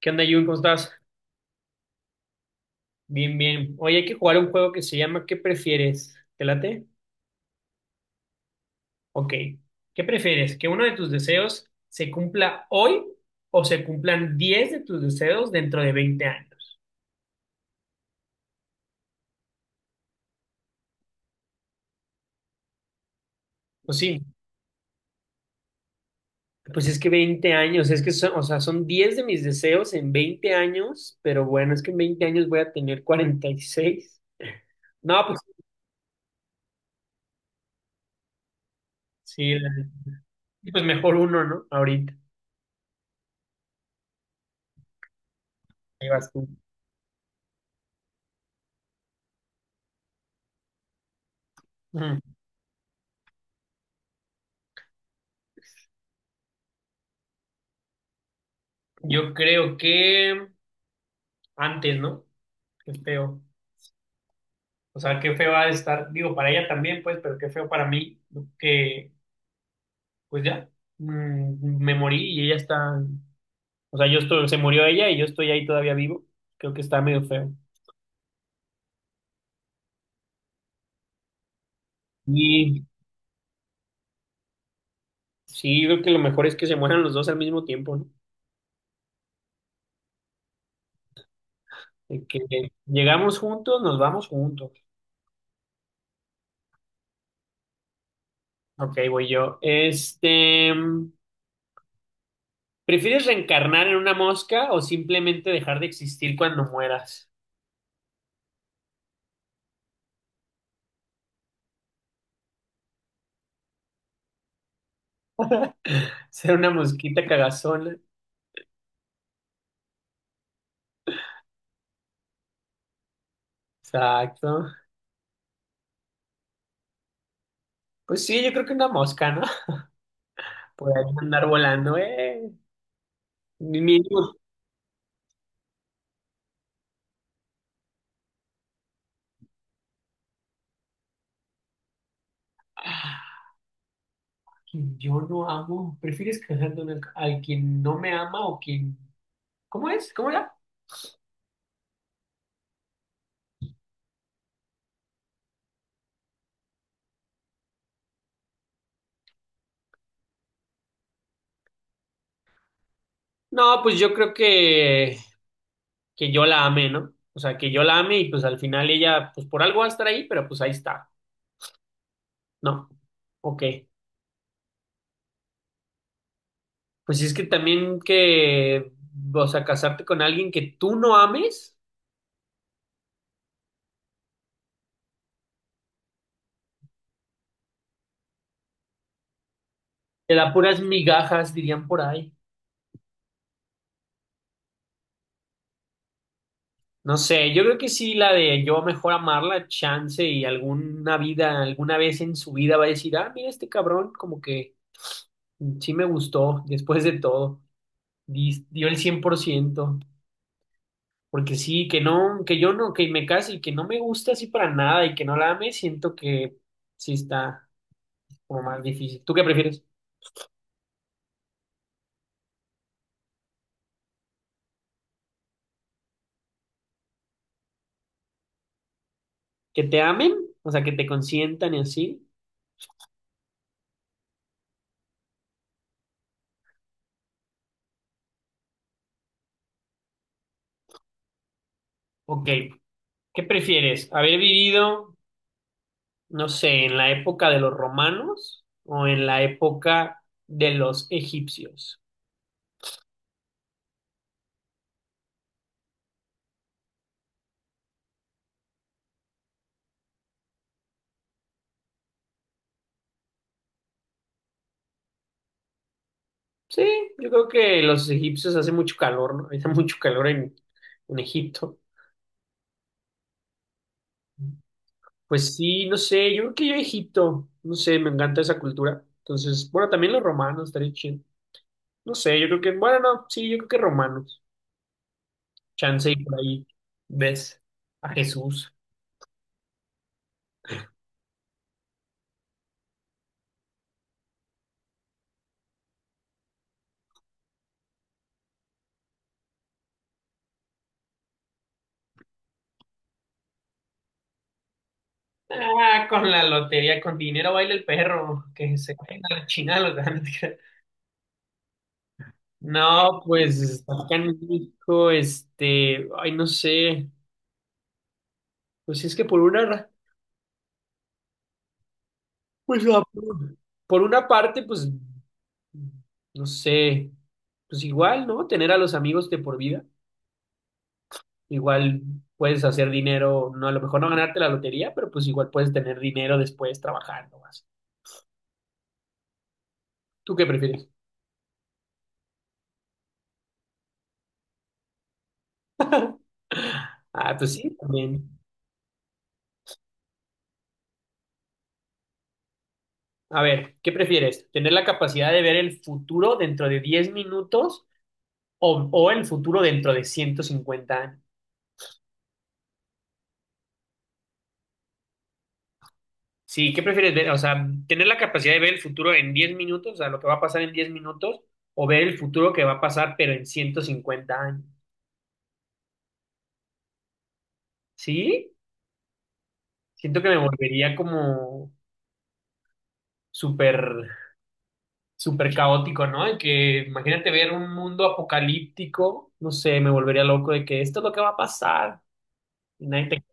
¿Qué onda, Jun? ¿Cómo estás? Bien, bien. Hoy hay que jugar un juego que se llama ¿qué prefieres? ¿Te late? Ok. ¿Qué prefieres? ¿Que uno de tus deseos se cumpla hoy o se cumplan 10 de tus deseos dentro de 20 años? Pues sí, pues es que 20 años, es que son, o sea, son 10 de mis deseos en 20 años, pero bueno, es que en 20 años voy a tener 46. No, pues sí, pues mejor uno, ¿no? Ahorita. Ahí vas tú. Ujú. Yo creo que antes, ¿no? Que Es peor. O sea, qué feo va a estar, digo, para ella también, pues, pero qué feo para mí, que, pues ya, me morí y ella está, o sea, yo estoy, se murió ella y yo estoy ahí todavía vivo. Creo que está medio feo. Y sí, yo creo que lo mejor es que se mueran los dos al mismo tiempo, ¿no? De Que llegamos juntos, nos vamos juntos. Ok, voy yo. Este, ¿prefieres reencarnar en una mosca o simplemente dejar de existir cuando mueras? Ser una mosquita cagazona. Exacto. Pues sí, yo creo que una mosca, ¿no? Por ahí andar volando, ¿eh? Mínimo. Ah, quien yo no amo. ¿Prefieres casarte con el- al quien no me ama o quien... ¿Cómo es? ¿Cómo era? No, pues yo creo que yo la amé, ¿no? O sea, que yo la amé y pues al final ella, pues por algo va a estar ahí, pero pues ahí está, ¿no? Ok. Pues es que también que, o sea, casarte con alguien que tú no ames, te da puras migajas, dirían por ahí. No sé, yo creo que sí, la de yo mejor amarla, chance y alguna vida, alguna vez en su vida va a decir, ah, mira este cabrón, como que sí me gustó después de todo, dio el 100% porque sí, que no, que yo no, que me case y que no me gusta así para nada y que no la ame, siento que sí está como más difícil. ¿Tú qué prefieres? ¿Que te amen? O sea, que te consientan y así. Ok, ¿qué prefieres? ¿Haber vivido no sé, en la época de los romanos o en la época de los egipcios? Sí, yo creo que los egipcios hace mucho calor, ¿no? Hace mucho calor en Egipto. Pues sí, no sé, yo creo que yo Egipto, no sé, me encanta esa cultura. Entonces, bueno, también los romanos, estaría chido. No sé, yo creo que, bueno, no, sí, yo creo que romanos. Chance y por ahí ves a Jesús. Ah, con la lotería, con dinero baila el perro, que se cuelga la chingada los ganas. No, pues acá en México, este, ay, no sé, pues es que por una, por una parte, pues, no sé, pues igual, ¿no? Tener a los amigos de por vida, igual puedes hacer dinero, no, a lo mejor no ganarte la lotería, pero pues igual puedes tener dinero después trabajando más. ¿Tú qué prefieres? Ah, pues sí, también. A ver, ¿qué prefieres? ¿Tener la capacidad de ver el futuro dentro de 10 minutos o el futuro dentro de 150 años? Sí, ¿qué prefieres ver? O sea, tener la capacidad de ver el futuro en 10 minutos, o sea, lo que va a pasar en 10 minutos, o ver el futuro que va a pasar, pero en 150 años. ¿Sí? Siento que me volvería como súper, súper caótico, ¿no? En que imagínate ver un mundo apocalíptico, no sé, me volvería loco de que esto es lo que va a pasar. Y nadie te-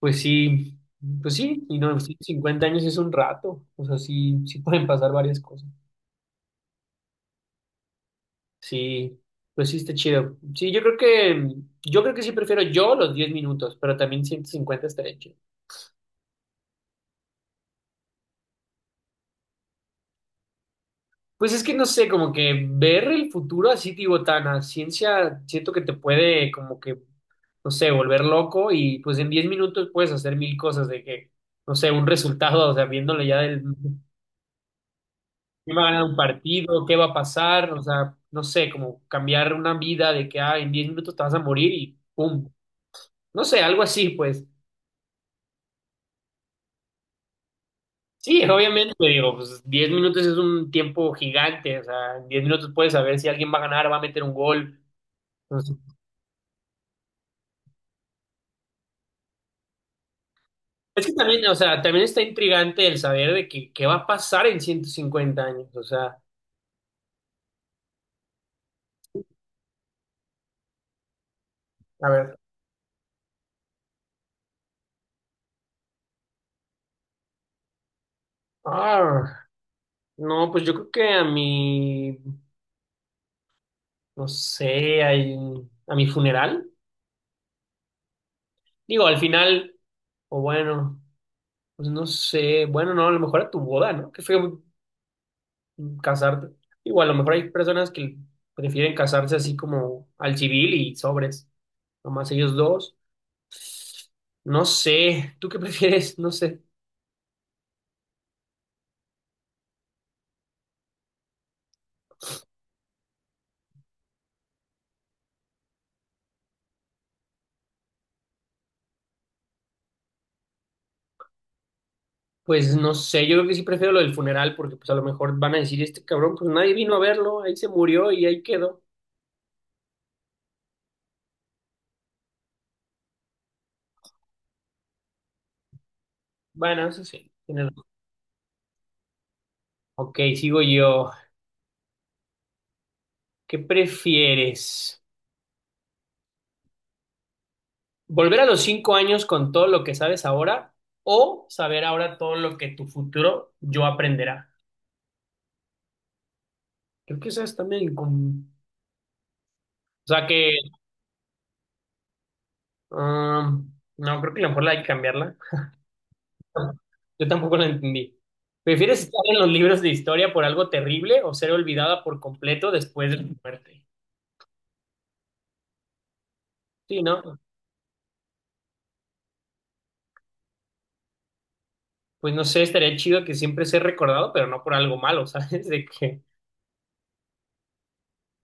Pues sí, pues sí, y no, sí, 50 años es un rato, o sea, sí, sí pueden pasar varias cosas. Sí, pues sí está chido. Sí, yo creo que sí prefiero yo los 10 minutos, pero también 150 estaría chido. Pues es que no sé, como que ver el futuro así, digo, tan a ciencia, siento que te puede como que, no sé, volver loco y pues en 10 minutos puedes hacer mil cosas de que, no sé, un resultado, o sea, viéndole ya del, quién va a ganar un partido, qué va a pasar, o sea, no sé, como cambiar una vida de que, ah, en 10 minutos te vas a morir y pum, no sé, algo así, pues. Sí, obviamente, digo, pues 10 minutos es un tiempo gigante, o sea, en 10 minutos puedes saber si alguien va a ganar, va a meter un gol. Entonces, es que también, o sea, también está intrigante el saber de que, qué va a pasar en 150 años, o sea, a ver. Ah, no, pues yo creo que a mi, no sé, a mi funeral, digo, al final, o bueno, pues no sé, bueno, no, a lo mejor a tu boda, ¿no? Que fue casarte. Igual, a lo mejor hay personas que prefieren casarse así como al civil y sobres, nomás ellos dos. No sé, ¿tú qué prefieres? No sé. Pues no sé, yo creo que sí prefiero lo del funeral porque pues a lo mejor van a decir, este cabrón, pues nadie vino a verlo, ahí se murió y ahí quedó. Bueno, eso sí, tienes razón. Ok, sigo yo. ¿Qué prefieres? ¿Volver a los 5 años con todo lo que sabes ahora o saber ahora todo lo que tu futuro yo aprenderá? Creo que eso es también como... O sea, que Um, no, creo que a lo mejor la hay que cambiarla. Yo tampoco la entendí. ¿Prefieres estar en los libros de historia por algo terrible o ser olvidada por completo después de tu muerte? Sí, ¿no? Pues no sé, estaría chido que siempre sea recordado, pero no por algo malo, ¿sabes? De que,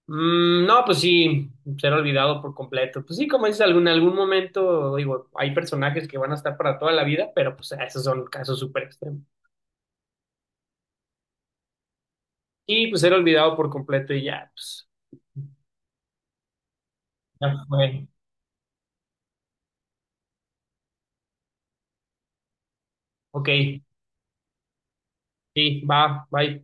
no, pues sí, ser olvidado por completo. Pues sí, como dices, algún, en algún momento, digo, hay personajes que van a estar para toda la vida, pero pues esos son casos súper extremos. Y pues ser olvidado por completo y ya, pues, ya fue. Ok. Sí, va, bye.